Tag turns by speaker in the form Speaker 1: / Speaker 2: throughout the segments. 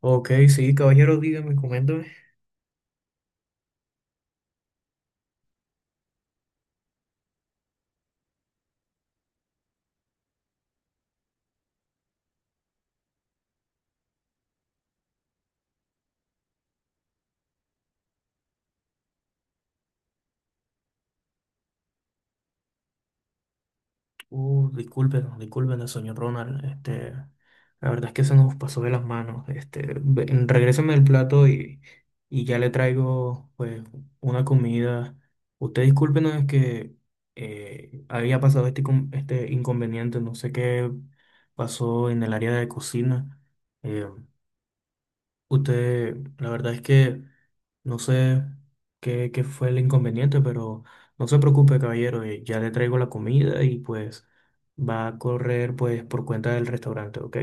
Speaker 1: Ok, sí, caballero, dígame, coméntame. Discúlpenos, discúlpenos, señor Ronald. Este, la verdad es que se nos pasó de las manos. Este, regréseme el plato y ya le traigo, pues, una comida. Usted discúlpenos, es que había pasado este, este inconveniente. No sé qué pasó en el área de cocina. Eh, Usted, la verdad es que no sé qué fue el inconveniente, pero no se preocupe, caballero, ya le traigo la comida y pues va a correr pues por cuenta del restaurante, ¿ok?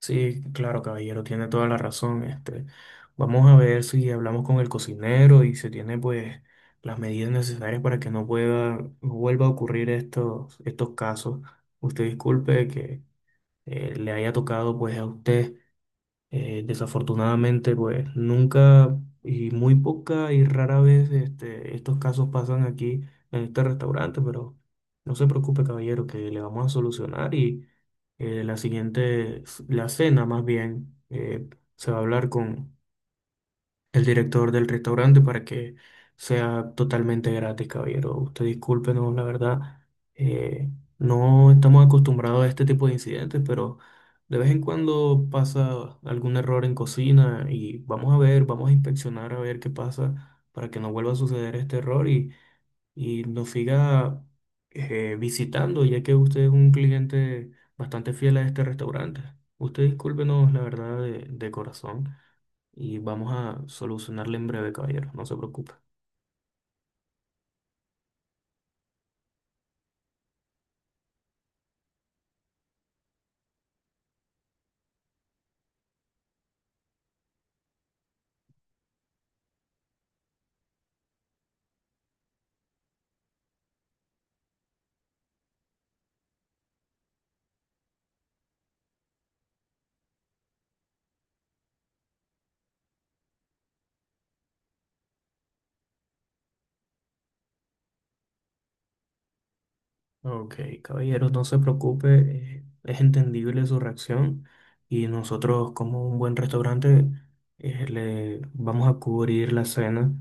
Speaker 1: Sí, claro, caballero, tiene toda la razón. Este, vamos a ver si hablamos con el cocinero y se tiene pues las medidas necesarias para que no pueda, no vuelva a ocurrir estos casos. Usted disculpe que le haya tocado pues a usted. Desafortunadamente, pues nunca y muy poca y rara vez este, estos casos pasan aquí en este restaurante, pero no se preocupe, caballero, que le vamos a solucionar y la siguiente, la cena más bien, se va a hablar con el director del restaurante para que sea totalmente gratis, caballero. Usted discúlpenos, la verdad, eh, no estamos acostumbrados a este tipo de incidentes, pero de vez en cuando pasa algún error en cocina y vamos a ver, vamos a inspeccionar a ver qué pasa para que no vuelva a suceder este error y nos siga visitando, ya que usted es un cliente bastante fiel a este restaurante. Usted discúlpenos, la verdad, de corazón y vamos a solucionarle en breve, caballero. No se preocupe. Ok, caballero, no se preocupe. Eh, es entendible su reacción y nosotros, como un buen restaurante, le vamos a cubrir la cena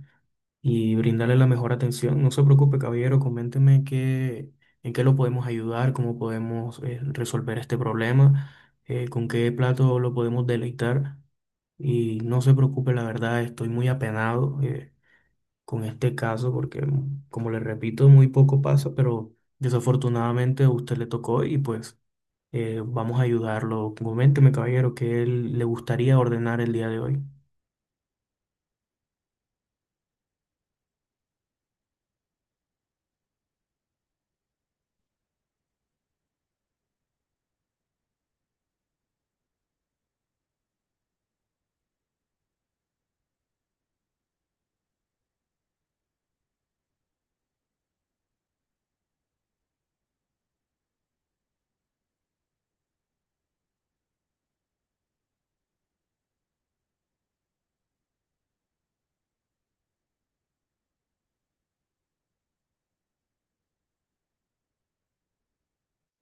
Speaker 1: y brindarle la mejor atención. No se preocupe, caballero. Coménteme en qué lo podemos ayudar, cómo podemos resolver este problema, con qué plato lo podemos deleitar. Y no se preocupe, la verdad, estoy muy apenado con este caso, porque como le repito, muy poco pasa, pero desafortunadamente a usted le tocó y pues vamos a ayudarlo. Coménteme, caballero, qué le gustaría ordenar el día de hoy.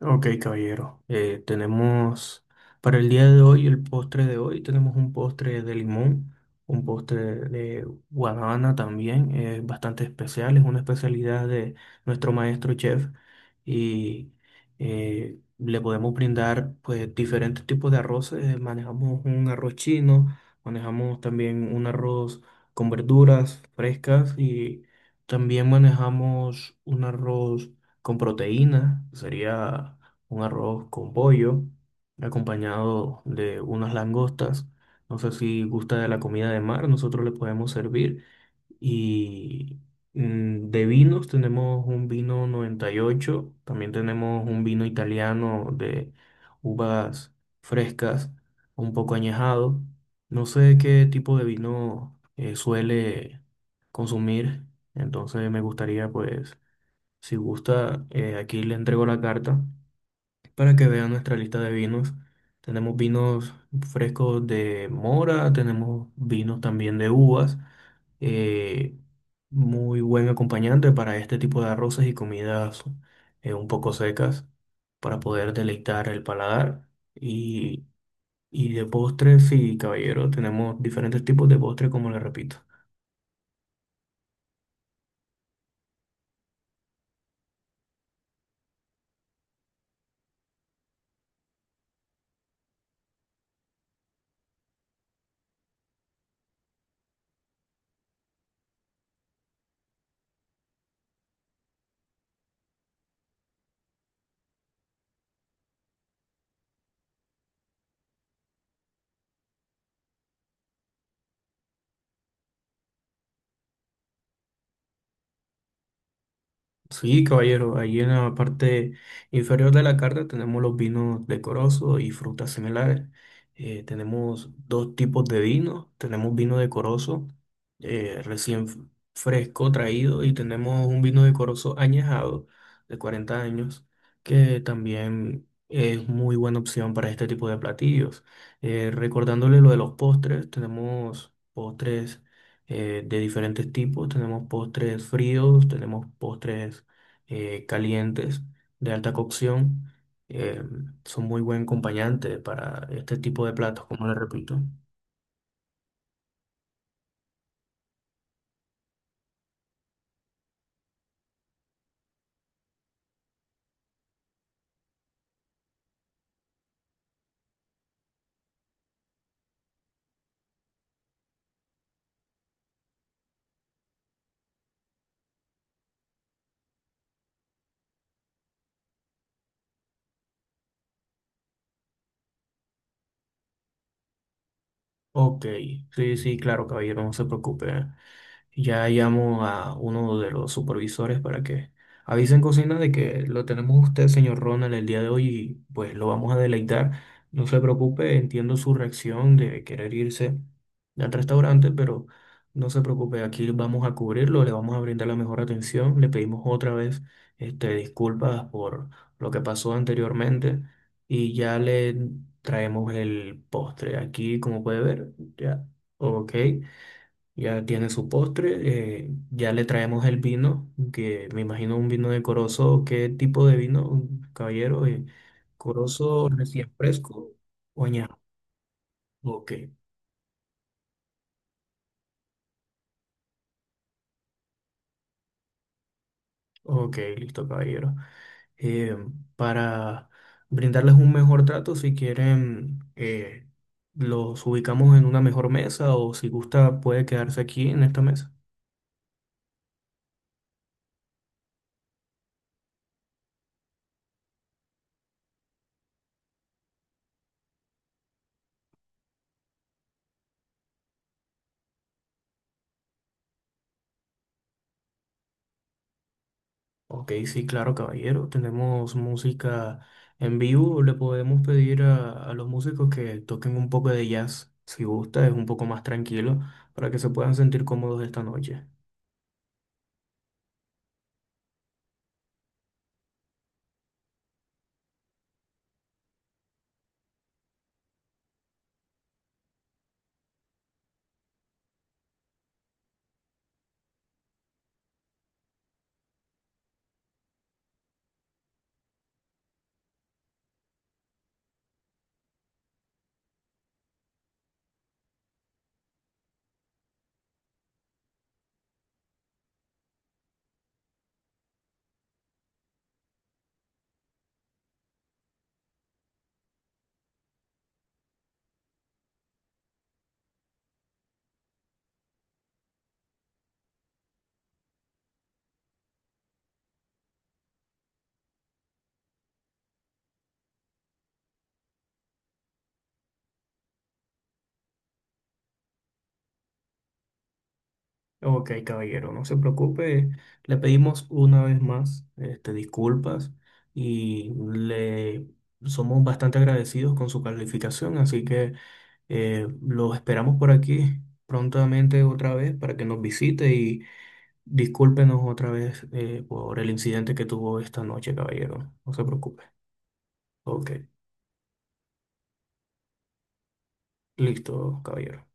Speaker 1: Ok, caballero. Tenemos para el día de hoy, el postre de hoy, tenemos un postre de limón, un postre de guanábana también, bastante especial, es una especialidad de nuestro maestro chef y le podemos brindar pues diferentes tipos de arroces. Eh, manejamos un arroz chino, manejamos también un arroz con verduras frescas y también manejamos un arroz con proteína, sería un arroz con pollo, acompañado de unas langostas. No sé si gusta de la comida de mar, nosotros le podemos servir. Y mm, de vinos tenemos un vino 98, también tenemos un vino italiano de uvas frescas, un poco añejado. No sé qué tipo de vino suele consumir, entonces me gustaría pues si gusta, aquí le entrego la carta para que vea nuestra lista de vinos. Tenemos vinos frescos de mora, tenemos vinos también de uvas. Eh, muy buen acompañante para este tipo de arroces y comidas un poco secas para poder deleitar el paladar. Y, y de postres, sí, caballero, tenemos diferentes tipos de postres, como le repito. Sí, caballero, ahí en la parte inferior de la carta tenemos los vinos decorosos y frutas similares. Tenemos dos tipos de vino. Tenemos vino decoroso recién fresco traído y tenemos un vino decoroso añejado de 40 años que también es muy buena opción para este tipo de platillos. Recordándole lo de los postres, tenemos postres de diferentes tipos. Tenemos postres fríos, tenemos postres calientes, de alta cocción, eh, son muy buen acompañante para este tipo de platos, como le repito. Ok, sí, sí, claro, caballero, no se preocupe. Ya llamo a uno de los supervisores para que avisen cocina de que lo tenemos usted, señor Ronald, el día de hoy y pues lo vamos a deleitar. No se preocupe, entiendo su reacción de querer irse al restaurante, pero no se preocupe, aquí vamos a cubrirlo, le vamos a brindar la mejor atención. Le pedimos otra vez este, disculpas por lo que pasó anteriormente y ya le traemos el postre. Aquí, como puede ver, ya, ok, ya tiene su postre. Eh, ya le traemos el vino, que me imagino un vino de Corozo. ¿Qué tipo de vino, caballero? ¿Corozo recién fresco o añejo? Ok, ok, listo, caballero. Eh, para brindarles un mejor trato, si quieren, los ubicamos en una mejor mesa o si gusta, puede quedarse aquí en esta mesa. Ok, sí, claro, caballero. Tenemos música en vivo. Le podemos pedir a los músicos que toquen un poco de jazz, si gusta, es un poco más tranquilo, para que se puedan sentir cómodos esta noche. Ok, caballero, no se preocupe. Le pedimos una vez más, este, disculpas y le somos bastante agradecidos con su calificación, así que lo esperamos por aquí prontamente otra vez para que nos visite. Discúlpenos otra vez por el incidente que tuvo esta noche, caballero. No se preocupe. Ok, listo, caballero.